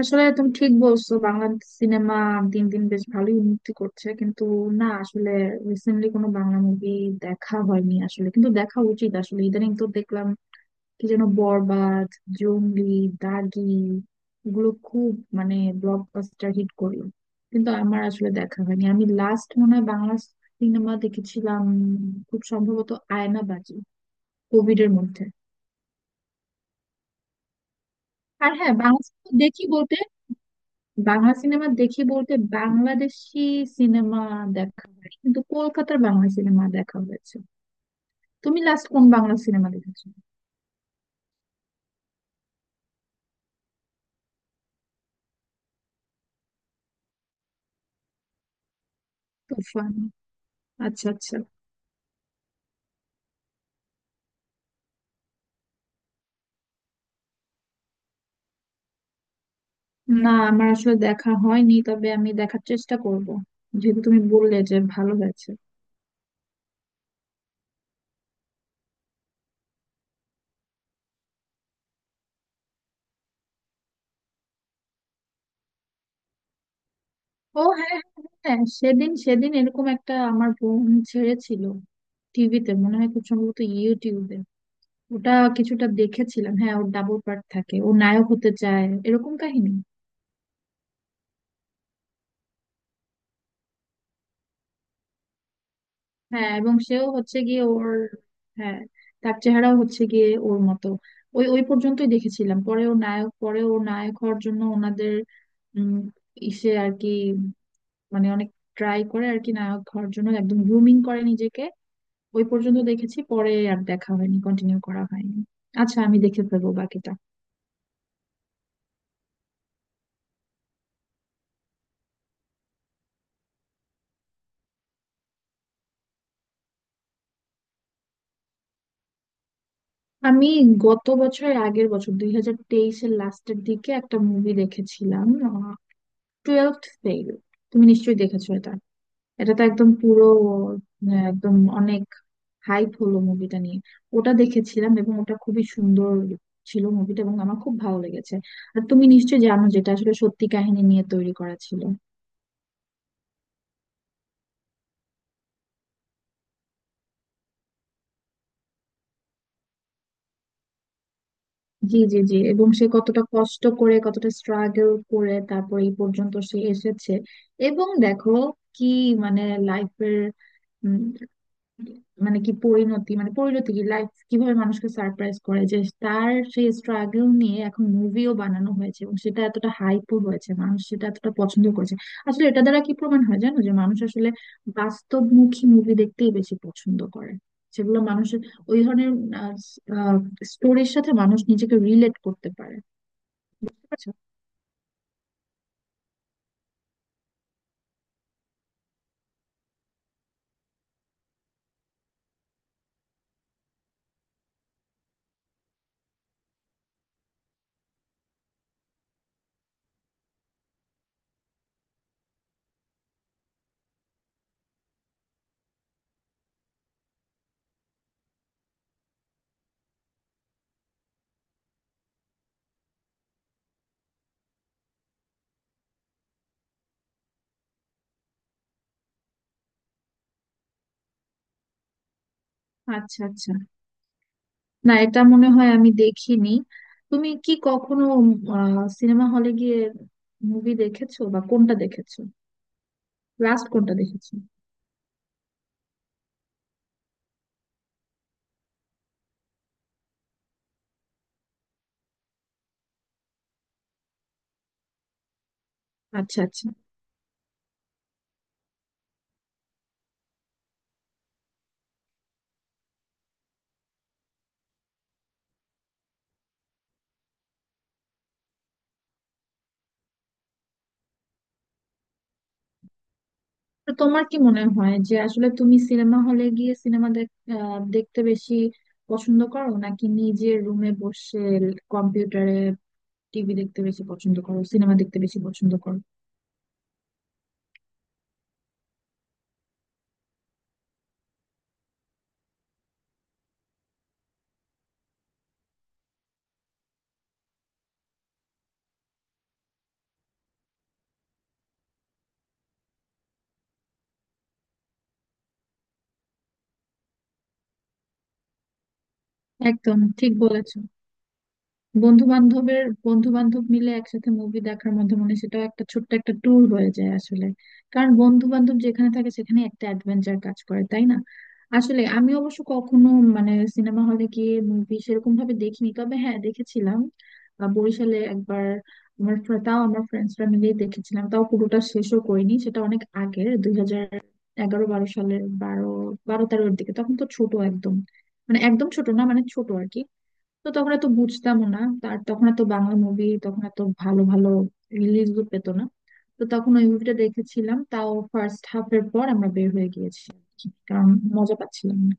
আসলে তুমি ঠিক বলছো, বাংলা সিনেমা দিন দিন বেশ ভালোই উন্নতি করছে কিন্তু না আসলে রিসেন্টলি কোনো বাংলা মুভি দেখা হয়নি আসলে, কিন্তু দেখা উচিত আসলে। ইদানিং তো দেখলাম কি যেন বরবাদ, জঙ্গলি, দাগি, এগুলো খুব মানে ব্লকবাস্টার হিট করলো, কিন্তু আমার আসলে দেখা হয়নি। আমি লাস্ট মনে হয় বাংলা সিনেমা দেখেছিলাম খুব সম্ভবত আয়নাবাজি, কোভিড এর মধ্যে। আর হ্যাঁ, বাংলা সিনেমা দেখি বলতে বাংলাদেশি সিনেমা দেখা হয় কিন্তু কলকাতার বাংলা সিনেমা দেখা হয়েছে। তুমি লাস্ট কোন বাংলা সিনেমা দেখেছো? তুফান? আচ্ছা আচ্ছা। না আমার আসলে দেখা হয়নি, তবে আমি দেখার চেষ্টা করব যেহেতু তুমি বললে যে ভালো হয়েছে। ও হ্যাঁ হ্যাঁ হ্যাঁ, সেদিন সেদিন এরকম একটা আমার বোন ছেড়েছিল টিভিতে, মনে হয় খুব সম্ভবত ইউটিউবে। ওটা কিছুটা দেখেছিলাম, হ্যাঁ, ওর ডাবল পার্ট থাকে, ও নায়ক হতে চায়, এরকম কাহিনী। হ্যাঁ এবং সেও হচ্ছে গিয়ে ওর, হ্যাঁ, তার চেহারাও হচ্ছে গিয়ে ওর মতো। ওই ওই পর্যন্তই দেখেছিলাম, পরে ওর নায়ক হওয়ার জন্য ওনাদের উম ইসে আর কি, মানে অনেক ট্রাই করে আর কি, নায়ক হওয়ার জন্য একদম গ্রুমিং করে নিজেকে। ওই পর্যন্ত দেখেছি, পরে আর দেখা হয়নি, কন্টিনিউ করা হয়নি। আচ্ছা, আমি দেখে ফেলবো বাকিটা। আমি গত বছরের আগের বছর 2023 এর লাস্টের দিকে একটা মুভি দেখেছিলাম, টুয়েলথ ফেল। তুমি নিশ্চয়ই দেখেছো এটা। এটা তো একদম পুরো একদম অনেক হাইপ হলো মুভিটা নিয়ে। ওটা দেখেছিলাম এবং ওটা খুবই সুন্দর ছিল মুভিটা, এবং আমার খুব ভালো লেগেছে। আর তুমি নিশ্চয়ই জানো, যেটা আসলে সত্যি কাহিনী নিয়ে তৈরি করা ছিল। জি জি জি, এবং সে কতটা কষ্ট করে, কতটা স্ট্রাগল করে, তারপর এই পর্যন্ত সে এসেছে। এবং দেখো কি, মানে লাইফের, মানে পরিণতি কি, লাইফ কিভাবে মানুষকে সারপ্রাইজ করে, যে তার সেই স্ট্রাগল নিয়ে এখন মুভিও বানানো হয়েছে এবং সেটা এতটা হাইপও হয়েছে, মানুষ সেটা এতটা পছন্দ করেছে। আসলে এটা দ্বারা কি প্রমাণ হয় জানো? যে মানুষ আসলে বাস্তবমুখী মুভি দেখতেই বেশি পছন্দ করে, সেগুলো মানুষের, ওই ধরনের স্টোরির সাথে মানুষ নিজেকে রিলেট করতে পারে। বুঝতে পারছো? আচ্ছা আচ্ছা। না এটা মনে হয় আমি দেখিনি। তুমি কি কখনো সিনেমা হলে গিয়ে মুভি দেখেছো? বা কোনটা দেখেছো? লাস্ট কোনটা দেখেছো? আচ্ছা আচ্ছা। তো তোমার কি মনে হয়, যে আসলে তুমি সিনেমা হলে গিয়ে সিনেমা দেখতে বেশি পছন্দ করো, নাকি নিজের রুমে বসে কম্পিউটারে টিভি দেখতে বেশি পছন্দ করো, সিনেমা দেখতে বেশি পছন্দ করো? একদম ঠিক বলেছো। বন্ধু বান্ধবের, বন্ধু বান্ধব মিলে একসাথে মুভি দেখার মধ্যে, মানে সেটাও একটা ছোট্ট একটা ট্যুর হয়ে যায় আসলে। কারণ বন্ধু বান্ধব যেখানে থাকে সেখানে একটা অ্যাডভেঞ্চার কাজ করে, তাই না? আসলে আমি অবশ্য কখনো মানে সিনেমা হলে গিয়ে মুভি সেরকম ভাবে দেখিনি, তবে হ্যাঁ দেখেছিলাম বরিশালে একবার। তাও আমার ফ্রেন্ডসরা মিলে দেখেছিলাম, তাও পুরোটা শেষও করিনি। সেটা অনেক আগের, 2011-12 সালের, বারো বারো তেরোর দিকে। তখন তো ছোট একদম, মানে একদম ছোট না, মানে ছোট আর কি। তো তখন এত বুঝতামও না তার, তখন এত বাংলা মুভি তখন এত ভালো ভালো রিলিজও পেতো না। তো তখন ওই মুভিটা দেখেছিলাম, তাও ফার্স্ট হাফ এর পর আমরা বের হয়ে গিয়েছি, কারণ মজা পাচ্ছিলাম না।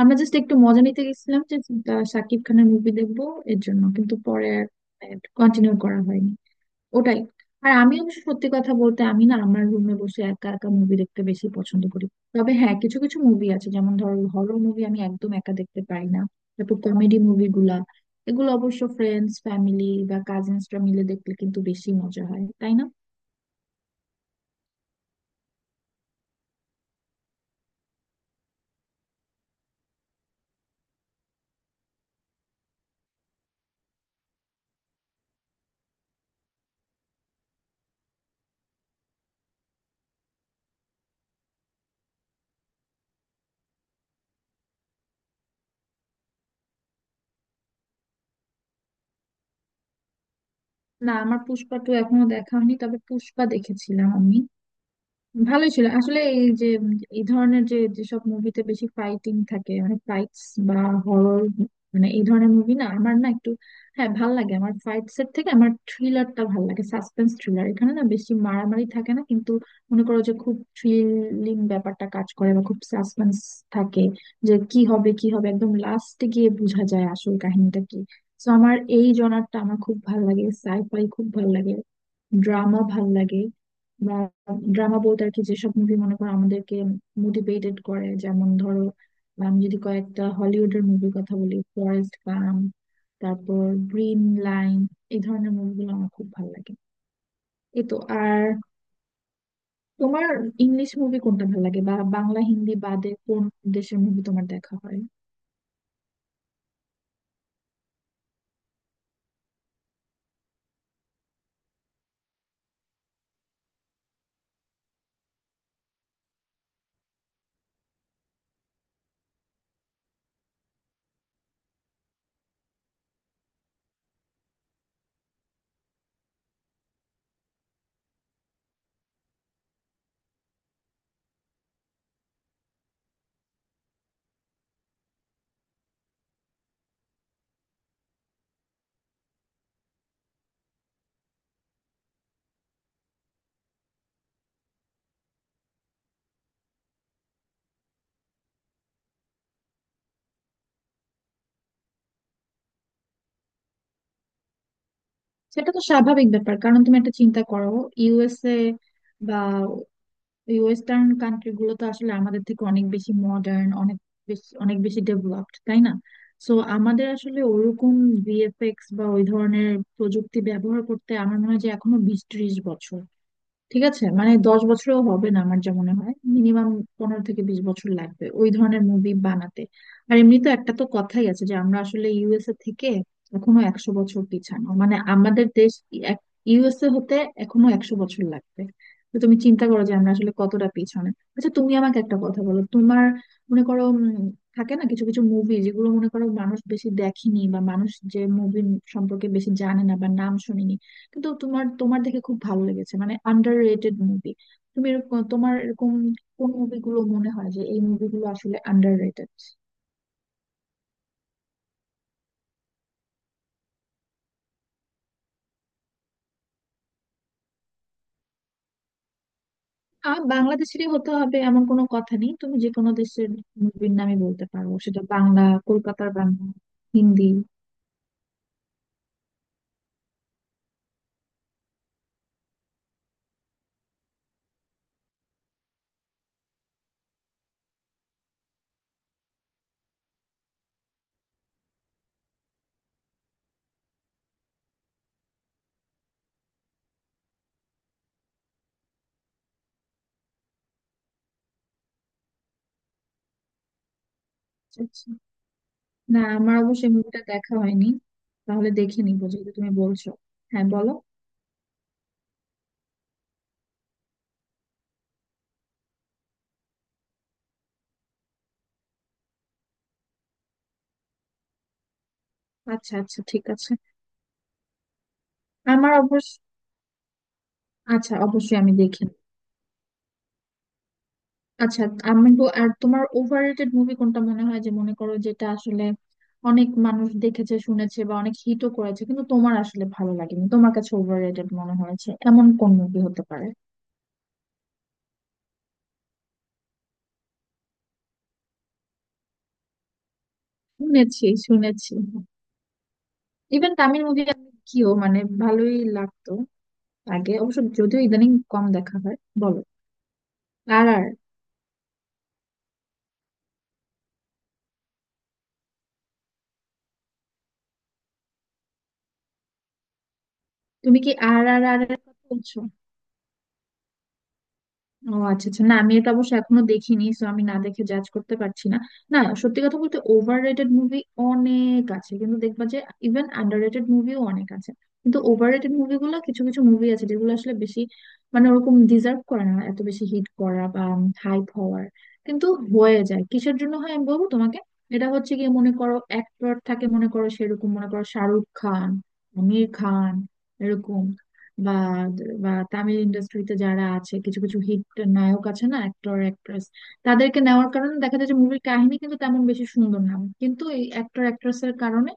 আমরা জাস্ট একটু মজা নিতে গেছিলাম যে শাকিব খানের মুভি দেখবো, এর জন্য। কিন্তু পরে কন্টিনিউ করা হয়নি, ওটাই। আর আমি অবশ্য সত্যি কথা বলতে, আমি না আমার রুমে বসে একা একা মুভি দেখতে বেশি পছন্দ করি। তবে হ্যাঁ কিছু কিছু মুভি আছে, যেমন ধরো হরর মুভি আমি একদম একা দেখতে পারি না। তারপর কমেডি মুভিগুলা, এগুলো অবশ্য ফ্রেন্ডস ফ্যামিলি বা কাজিনসরা মিলে দেখলে কিন্তু বেশি মজা হয়, তাই না? না আমার পুষ্পা টু এখনো দেখা হয়নি, তবে পুষ্পা দেখেছিলাম আমি। ভালোই ছিল আসলে। এই যে এই ধরনের যে যেসব মুভিতে বেশি ফাইটিং থাকে, মানে ফাইটস বা হরর, মানে এই ধরনের মুভি না আমার না একটু, হ্যাঁ ভাল লাগে। আমার ফাইট সেট থেকে আমার থ্রিলারটা ভাল লাগে, সাসপেন্স থ্রিলার, এখানে না বেশি মারামারি থাকে না কিন্তু মনে করো যে খুব থ্রিলিং ব্যাপারটা কাজ করে, বা খুব সাসপেন্স থাকে, যে কি হবে কি হবে, একদম লাস্টে গিয়ে বোঝা যায় আসল কাহিনীটা কি। তো আমার এই জনারটা আমার খুব ভাল লাগে, সাইফাই খুব ভাল লাগে, ড্রামা ভাল লাগে। বা ড্রামা বলতে আর কি, যেসব মুভি মনে করো আমাদেরকে মোটিভেটেড করে, যেমন ধরো আমি যদি কয়েকটা হলিউডের মুভির কথা বলি, ফরেস্ট গাম, তারপর গ্রিন লাইন, এই ধরনের মুভিগুলো আমার খুব ভালো লাগে। এই তো। আর তোমার ইংলিশ মুভি কোনটা ভালো লাগে, বা বাংলা হিন্দি বাদে কোন দেশের মুভি তোমার দেখা হয়? সেটা তো স্বাভাবিক ব্যাপার, কারণ তুমি একটা চিন্তা করো, ইউএসএ, এই ওয়েস্টার্ন কান্ট্রি গুলো তো আসলে আমাদের থেকে অনেক বেশি মডার্ন, অনেক বেশি, অনেক বেশি ডেভেলপড, তাই না? সো আমাদের আসলে ওরকম ভিএফএক্স বা ওই ধরনের প্রযুক্তি ব্যবহার করতে, আমার মনে হয় যে এখনো 20-30 বছর, ঠিক আছে মানে 10 বছরও হবে না, আমার যা মনে হয় মিনিমাম 15 থেকে 20 বছর লাগবে ওই ধরনের মুভি বানাতে। আর এমনি তো একটা তো কথাই আছে যে আমরা আসলে ইউএসএ থেকে এখনো 100 বছর পিছানো, মানে আমাদের দেশ ইউএসএ হতে এখনো 100 বছর লাগবে। তো তুমি চিন্তা করো যে আমরা আসলে কতটা পিছনে। আচ্ছা তুমি আমাকে একটা কথা বলো তোমার, মনে করো থাকে না কিছু কিছু মুভি যেগুলো, মনে করো মানুষ বেশি দেখেনি বা মানুষ যে মুভি সম্পর্কে বেশি জানে না বা নাম শুনিনি, কিন্তু তোমার তোমার দেখে খুব ভালো লেগেছে, মানে আন্ডার রেটেড মুভি। তুমি এরকম, তোমার এরকম কোন মুভিগুলো মনে হয় যে এই মুভিগুলো আসলে আন্ডার রেটেড? আর বাংলাদেশেরই হতে হবে এমন কোনো কথা নেই, তুমি যে কোনো দেশের মুভির নামই বলতে পারো, সেটা বাংলা, কলকাতার বাংলা, হিন্দি। আচ্ছা, আচ্ছা। না আমার অবশ্যই মুভিটা দেখা হয়নি। তাহলে দেখে নিবো, যেহেতু তুমি বলছো। হ্যাঁ বলো। আচ্ছা আচ্ছা, ঠিক আছে। আমার অবশ্য, আচ্ছা অবশ্যই আমি দেখি। আচ্ছা, আর তোমার ওভাররেটেড মুভি কোনটা মনে হয়, যে মনে করো যেটা আসলে অনেক মানুষ দেখেছে, শুনেছে, বা অনেক হিটও করেছে কিন্তু তোমার আসলে ভালো লাগেনি, তোমার কাছে ওভাররেটেড মনে হয়েছে এমন কোন মুভি হতে পারে? শুনেছি শুনেছি, ইভেন তামিল মুভি কিও মানে ভালোই লাগতো আগে, অবশ্য যদিও ইদানিং কম দেখা হয়। বলো। আর আর তুমি কি আর আর আর এর কথা বলছো? ও আচ্ছা আচ্ছা, না আমি এটা অবশ্য এখনো দেখিনি, সো আমি না দেখে জাজ করতে পারছি না। না সত্যি কথা বলতে ওভাররেটেড মুভি অনেক আছে, কিন্তু দেখবা যে ইভেন আন্ডাররেটেড মুভিও অনেক আছে। কিন্তু ওভাররেটেড মুভিগুলো, কিছু কিছু মুভি আছে যেগুলো আসলে বেশি, মানে ওরকম ডিজার্ভ করে না এত বেশি হিট করা বা হাইপ হওয়ার, কিন্তু হয়ে যায়। কিসের জন্য হয় আমি বলবো তোমাকে। এটা হচ্ছে গিয়ে, মনে করো অ্যাক্টর থাকে, মনে করো সেরকম মনে করো শাহরুখ খান, আমির খান, এরকম, বা বা তামিল ইন্ডাস্ট্রিতে যারা আছে কিছু কিছু হিট নায়ক আছে না, অ্যাক্টর অ্যাক্ট্রেস, তাদেরকে নেওয়ার কারণে দেখা যায় যে মুভির কাহিনী কিন্তু তেমন বেশি সুন্দর না, কিন্তু এই অ্যাক্টর অ্যাক্ট্রেসের কারণে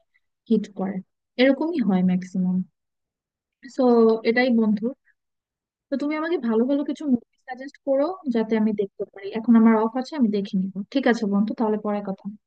হিট করে। এরকমই হয় ম্যাক্সিমাম। সো এটাই বন্ধু। তো তুমি আমাকে ভালো ভালো কিছু মুভি সাজেস্ট করো যাতে আমি দেখতে পারি। এখন আমার অফ আছে, আমি দেখে নিবো। ঠিক আছে বন্ধু, তাহলে পরে কথা হবে।